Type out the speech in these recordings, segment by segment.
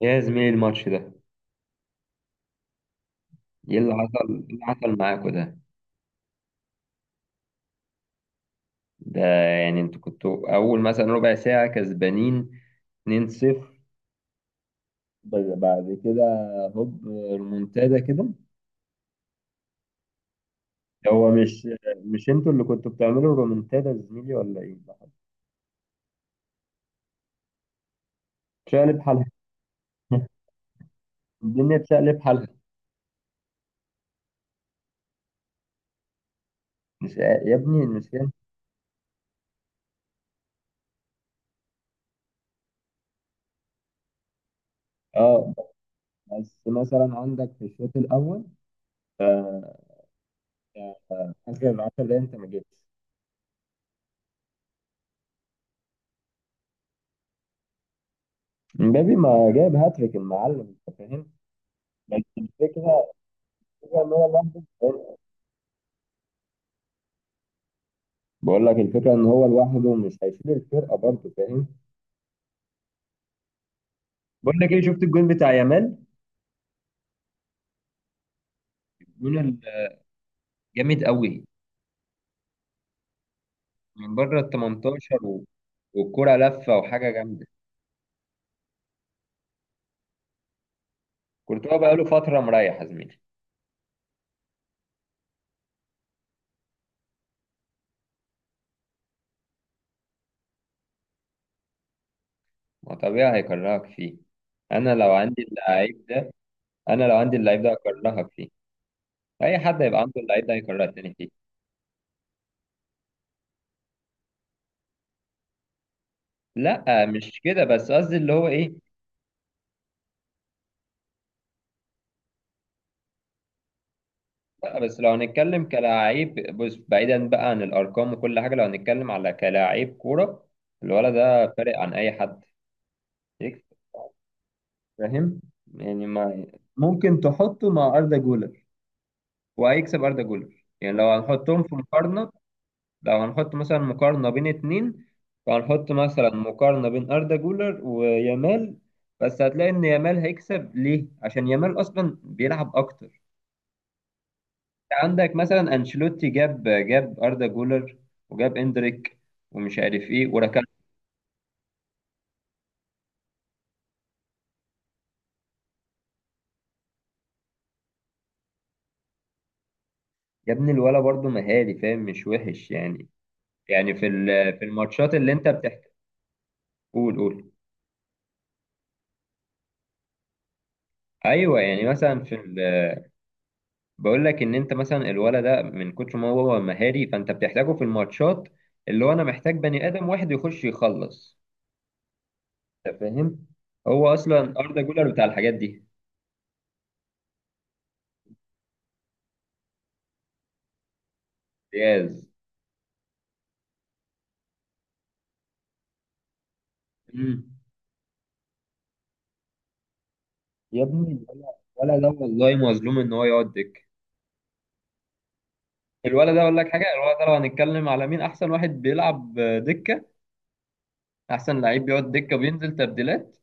يا زميلي الماتش ده، ايه اللي حصل؟ إيه اللي حصل معاكوا ده؟ ده يعني انتوا كنتوا اول مثلا ربع ساعة كسبانين 2-0، بس بعد كده هوب، ريمونتادا كده. هو مش مش انتوا اللي كنتوا بتعملوا ريمونتادا يا زميلي ولا ايه؟ شقلب حالها. الدنيا اتشقلب حالها. مش يا ابني المشكلة. اه، بس مثلا عندك في الشوط الاول، آه، اخر 10 دقايق انت ما جيتش. مبابي ما جاب هاتريك المعلم، انت فاهم؟ بس الفكرة الفكرة إن هو لوحده. بقول لك الفكرة إن هو لوحده مش هيشيل الفرقة برضه، فاهم؟ بقول لك ايه، شفت الجون بتاع يامال؟ الجون ال- جامد قوي، من بره ال 18 والكرة لفة وحاجة جامدة. كورتوا بقاله فترة مريح يا زميلي. ما طبيعي هيكرهك فيه. انا لو عندي اللعيب ده انا لو عندي اللعيب ده هكرهك فيه. اي حد هيبقى عنده اللعيب ده هيكرهك تاني فيه. لا مش كده، بس قصدي اللي هو ايه. لا بس لو هنتكلم كلاعب، بص بعيدا بقى عن الارقام وكل حاجه، لو هنتكلم على كلاعب كوره، الولد ده فارق عن اي حد. يكسب، فاهم؟ يعني ما ممكن تحطه مع اردا جولر وهيكسب اردا جولر. يعني لو هنحطهم في مقارنه، لو هنحط مثلا مقارنه بين اتنين، فهنحط مثلا مقارنه بين اردا جولر ويامال، بس هتلاقي ان يامال هيكسب ليه، عشان يامال اصلا بيلعب اكتر. عندك مثلا انشيلوتي جاب اردا جولر وجاب اندريك ومش عارف ايه وركان. يا ابني الولا برضه مهاري، فاهم؟ مش وحش يعني. يعني في الماتشات اللي انت بتحكي، قول. ايوه، يعني مثلا بقول لك ان انت مثلا الولا ده من كتر ما هو مهاري فانت بتحتاجه في الماتشات، اللي هو انا محتاج بني ادم واحد يخش يخلص. انت فاهم؟ هو اصلا اردا جولر بتاع الحاجات دي. جاز. يا ابني الولا، الولا ده والله مظلوم ان هو يقعد دكة. الولد ده اقول لك حاجه، الولد ده لو هنتكلم على مين احسن واحد بيلعب دكه، احسن لعيب بيقعد دكه وبينزل تبديلات،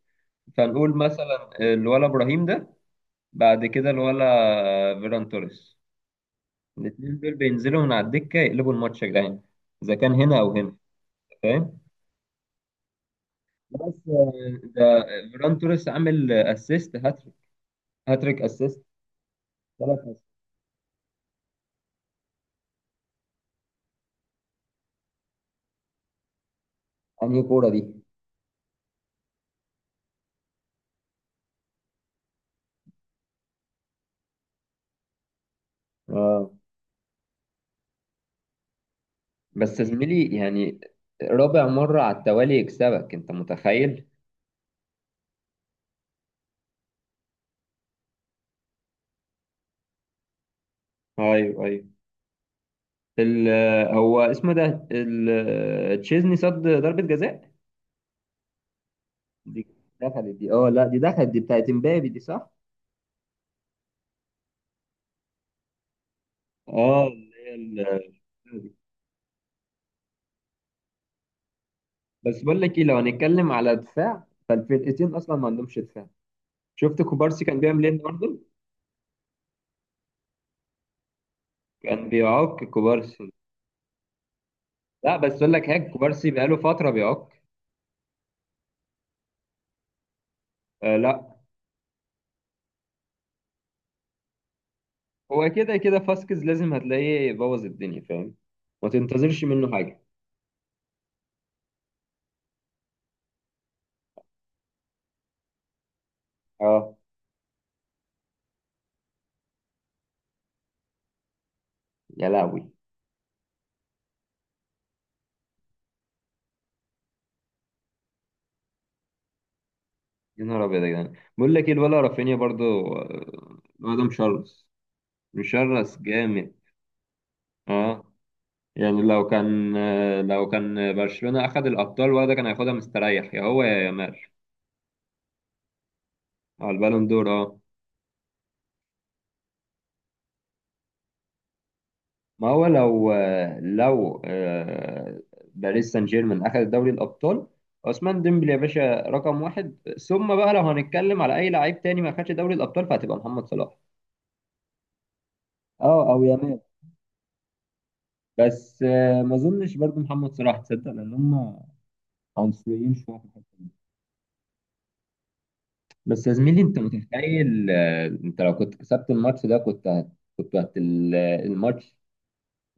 فنقول مثلا الولا ابراهيم ده، بعد كده الولا فيران توريس. الاثنين دول بينزلوا من على الدكه يقلبوا الماتش يا جدعان، اذا كان هنا او هنا، فاهم؟ بس آه، ده فيران توريس عامل اسيست هاتريك، هاتريك اسيست، ثلاث اسيست. انهي كوره دي؟ اه، بس يا زميلي يعني رابع مره على التوالي يكسبك، انت متخيل؟ ايوه ال- هو اسمه ده تشيزني صد ضربة جزاء. دي دخلت دي، اه لا دي دخلت دي بتاعت امبابي دي، صح؟ اه، اللي هي ال- بس بقول لك ايه، لو هنتكلم على دفاع، فالفرقتين اصلا ما عندهمش دفاع. شفت كوبارسي كان بيعمل ايه النهارده؟ كان بيعك كوبارسي. لا بس اقول لك حاجه، كوبارسي بقاله فتره بيعك. آه لا. هو كده كده فاسكيز لازم هتلاقيه بوظ الدنيا، فاهم؟ ما تنتظرش منه حاجه. اه. يا لهوي. يا نهار ابيض يا جدعان. بقول لك ايه، الولا رافينيا برضو، الواد ده مشرس، مشرس جامد. اه، يعني لو كان لو كان برشلونة اخد الابطال، الواد ده كان هياخدها مستريح، يا هو يا يامال. على البالون دور، اه. ما هو لو لو باريس سان جيرمان اخد دوري الابطال، عثمان ديمبلي يا باشا رقم واحد. ثم بقى لو هنتكلم على اي لعيب تاني ما خدش دوري الابطال، فهتبقى محمد صلاح. اه او يامال. بس ما اظنش برضو محمد صلاح، تصدق، لان هم عنصريين شويه في الحته دي. بس يا زميلي انت متخيل، انت لو كنت كسبت الماتش ده كنت كنت الماتش،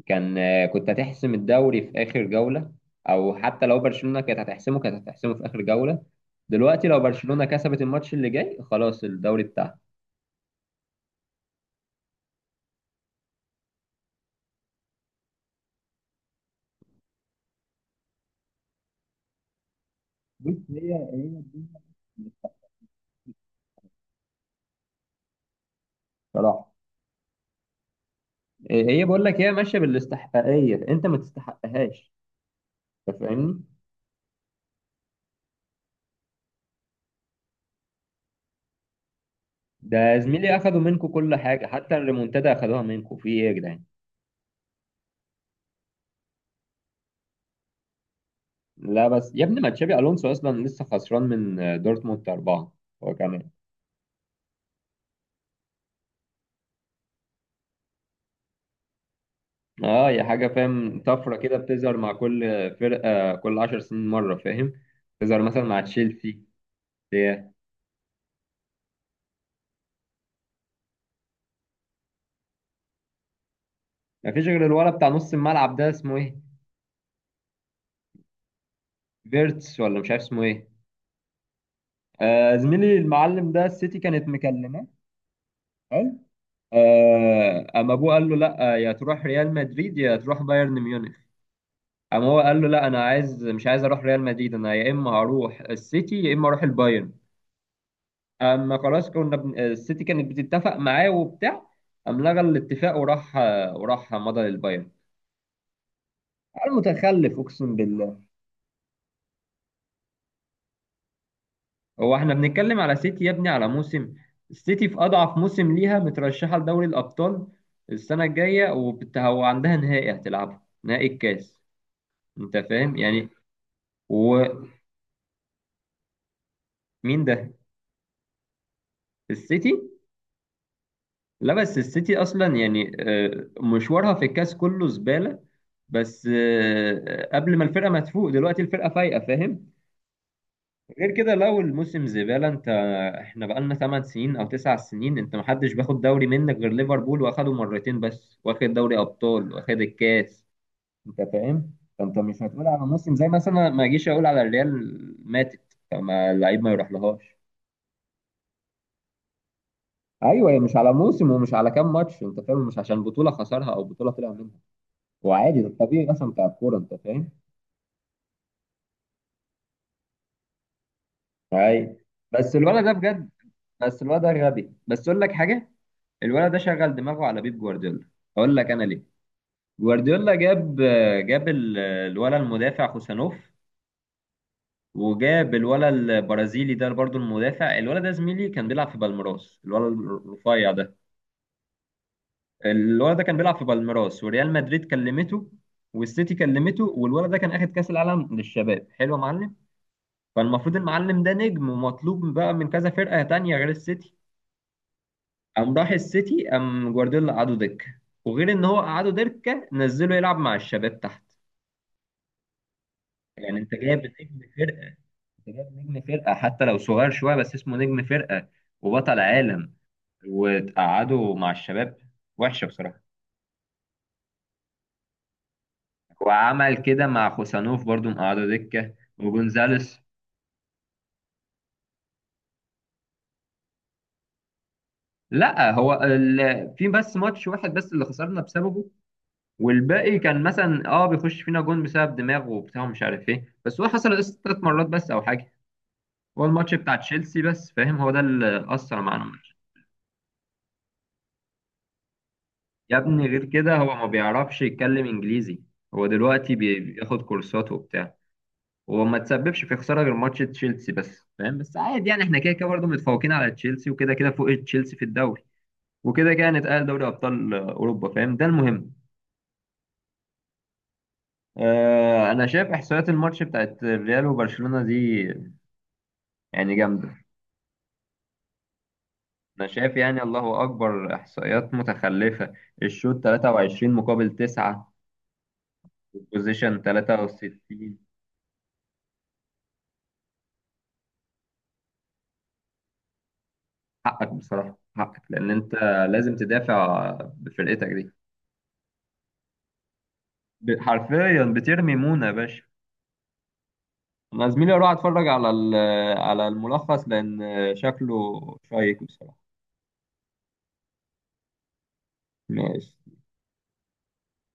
كان كنت هتحسم الدوري في اخر جوله. او حتى لو برشلونه كانت هتحسمه كانت هتحسمه في اخر جوله. دلوقتي لو برشلونه كسبت الماتش اللي جاي، خلاص الدوري بتاعها. بص هي الدنيا، صراحه. هي بقول لك هي ماشيه بالاستحقاقيه، انت ما تستحقهاش. انت فاهمني؟ ده يا زميلي اخدوا منكم كل حاجه، حتى الريمونتادا اخدوها منكم في ايه يا جدعان. لا بس يا ابني، ما تشابي الونسو اصلا لسه خسران من دورتموند اربعه، هو كمان. اه، هي حاجه، فاهم؟ طفره كده بتظهر مع كل فرقه، كل 10 سنين مره، فاهم؟ تظهر مثلا مع تشيلسي بتاع. ما فيش غير الولد بتاع نص الملعب ده اسمه ايه، فيرتس، ولا مش عارف اسمه ايه. آه زميلي، المعلم ده السيتي كانت مكلمه. حلو. اما ابوه قال له لا، يا تروح ريال مدريد يا تروح بايرن ميونخ. اما هو قال له لا انا عايز، مش عايز اروح ريال مدريد، انا يا اما هروح السيتي يا اما اروح البايرن. اما خلاص كنا السيتي كانت بتتفق معاه وبتاع، قام لغى الاتفاق وراح وراح مضى للبايرن. المتخلف، اقسم بالله. هو احنا بنتكلم على سيتي يا ابني، على موسم؟ السيتي في اضعف موسم ليها مترشحه لدوري الابطال السنه الجايه، هو عندها نهائي هتلعبه، نهائي الكاس. انت فاهم يعني؟ ومين؟ ده السيتي. لا بس السيتي اصلا يعني مشوارها في الكاس كله زباله، بس قبل ما الفرقه ما تفوق، دلوقتي الفرقه فايقه، فاهم؟ غير كده لو الموسم زباله، انت احنا بقالنا 8 سنين او 9 سنين انت محدش بياخد دوري منك غير ليفربول واخده مرتين بس، واخد دوري ابطال واخد الكاس. انت فاهم؟ فانت مش هتقول على موسم، زي مثلا ما اجيش اقول على الريال ماتت فما اللعيب ما يروح لهاش. ايوه، هي مش على موسم ومش على كام ماتش، انت فاهم؟ مش عشان بطوله خسرها او بطوله طلع منها، وعادي ده الطبيعي اصلا بتاع الكوره، انت فاهم؟ اي. بس الولد ده بجد، بس الولد ده غبي، بس اقول لك حاجه، الولد ده شغل دماغه على بيب جوارديولا. اقول لك انا ليه. جوارديولا جاب، جاب الولد المدافع خوسانوف، وجاب الولد البرازيلي ده برضو، المدافع الولد ده زميلي كان بيلعب في بالميراس، الولد الرفيع ده. الولد ده كان بيلعب في بالميراس وريال مدريد كلمته والسيتي كلمته، والولد ده كان اخد كاس العالم للشباب، حلو يا معلم. فالمفروض المعلم ده نجم ومطلوب بقى من كذا فرقة تانية غير السيتي. قام راح السيتي، قام جوارديولا قعده دكة، وغير ان هو قعده دكة نزله يلعب مع الشباب تحت. يعني انت جايب نجم فرقة، انت جايب نجم فرقة حتى لو صغير شوية بس اسمه نجم فرقة وبطل عالم، وتقعده مع الشباب. وحشة بصراحة. وعمل كده مع خوسانوف برضو، مقعده دكة، وجونزاليس. لا هو في بس ماتش واحد بس اللي خسرنا بسببه، والباقي كان مثلا اه بيخش فينا جون بسبب دماغه وبتاع ومش عارف ايه، بس هو حصل اس ثلاث مرات بس او حاجه. هو الماتش بتاع تشيلسي بس، فاهم؟ هو ده اللي اثر معانا الماتش. يا ابني غير كده هو ما بيعرفش يتكلم انجليزي، هو دلوقتي بياخد كورسات وبتاع. هو ما تسببش في خساره غير ماتش تشيلسي بس، فاهم؟ بس عادي يعني، احنا كده كده برضه متفوقين على تشيلسي، وكده كده فوق تشيلسي في الدوري، وكده كده هنتأهل دوري ابطال اوروبا، فاهم؟ ده المهم. آه انا شايف احصائيات الماتش بتاعت الريال وبرشلونه دي، يعني جامده. أنا شايف يعني الله أكبر إحصائيات متخلفة. الشوط 23 مقابل 9، والبوزيشن 63. حقك بصراحة، حقك، لأن أنت لازم تدافع بفرقتك دي. حرفيا بترمي مونة يا باشا. أنا زميلي أروح أتفرج على على الملخص، لأن شكله شيق بصراحة. ماشي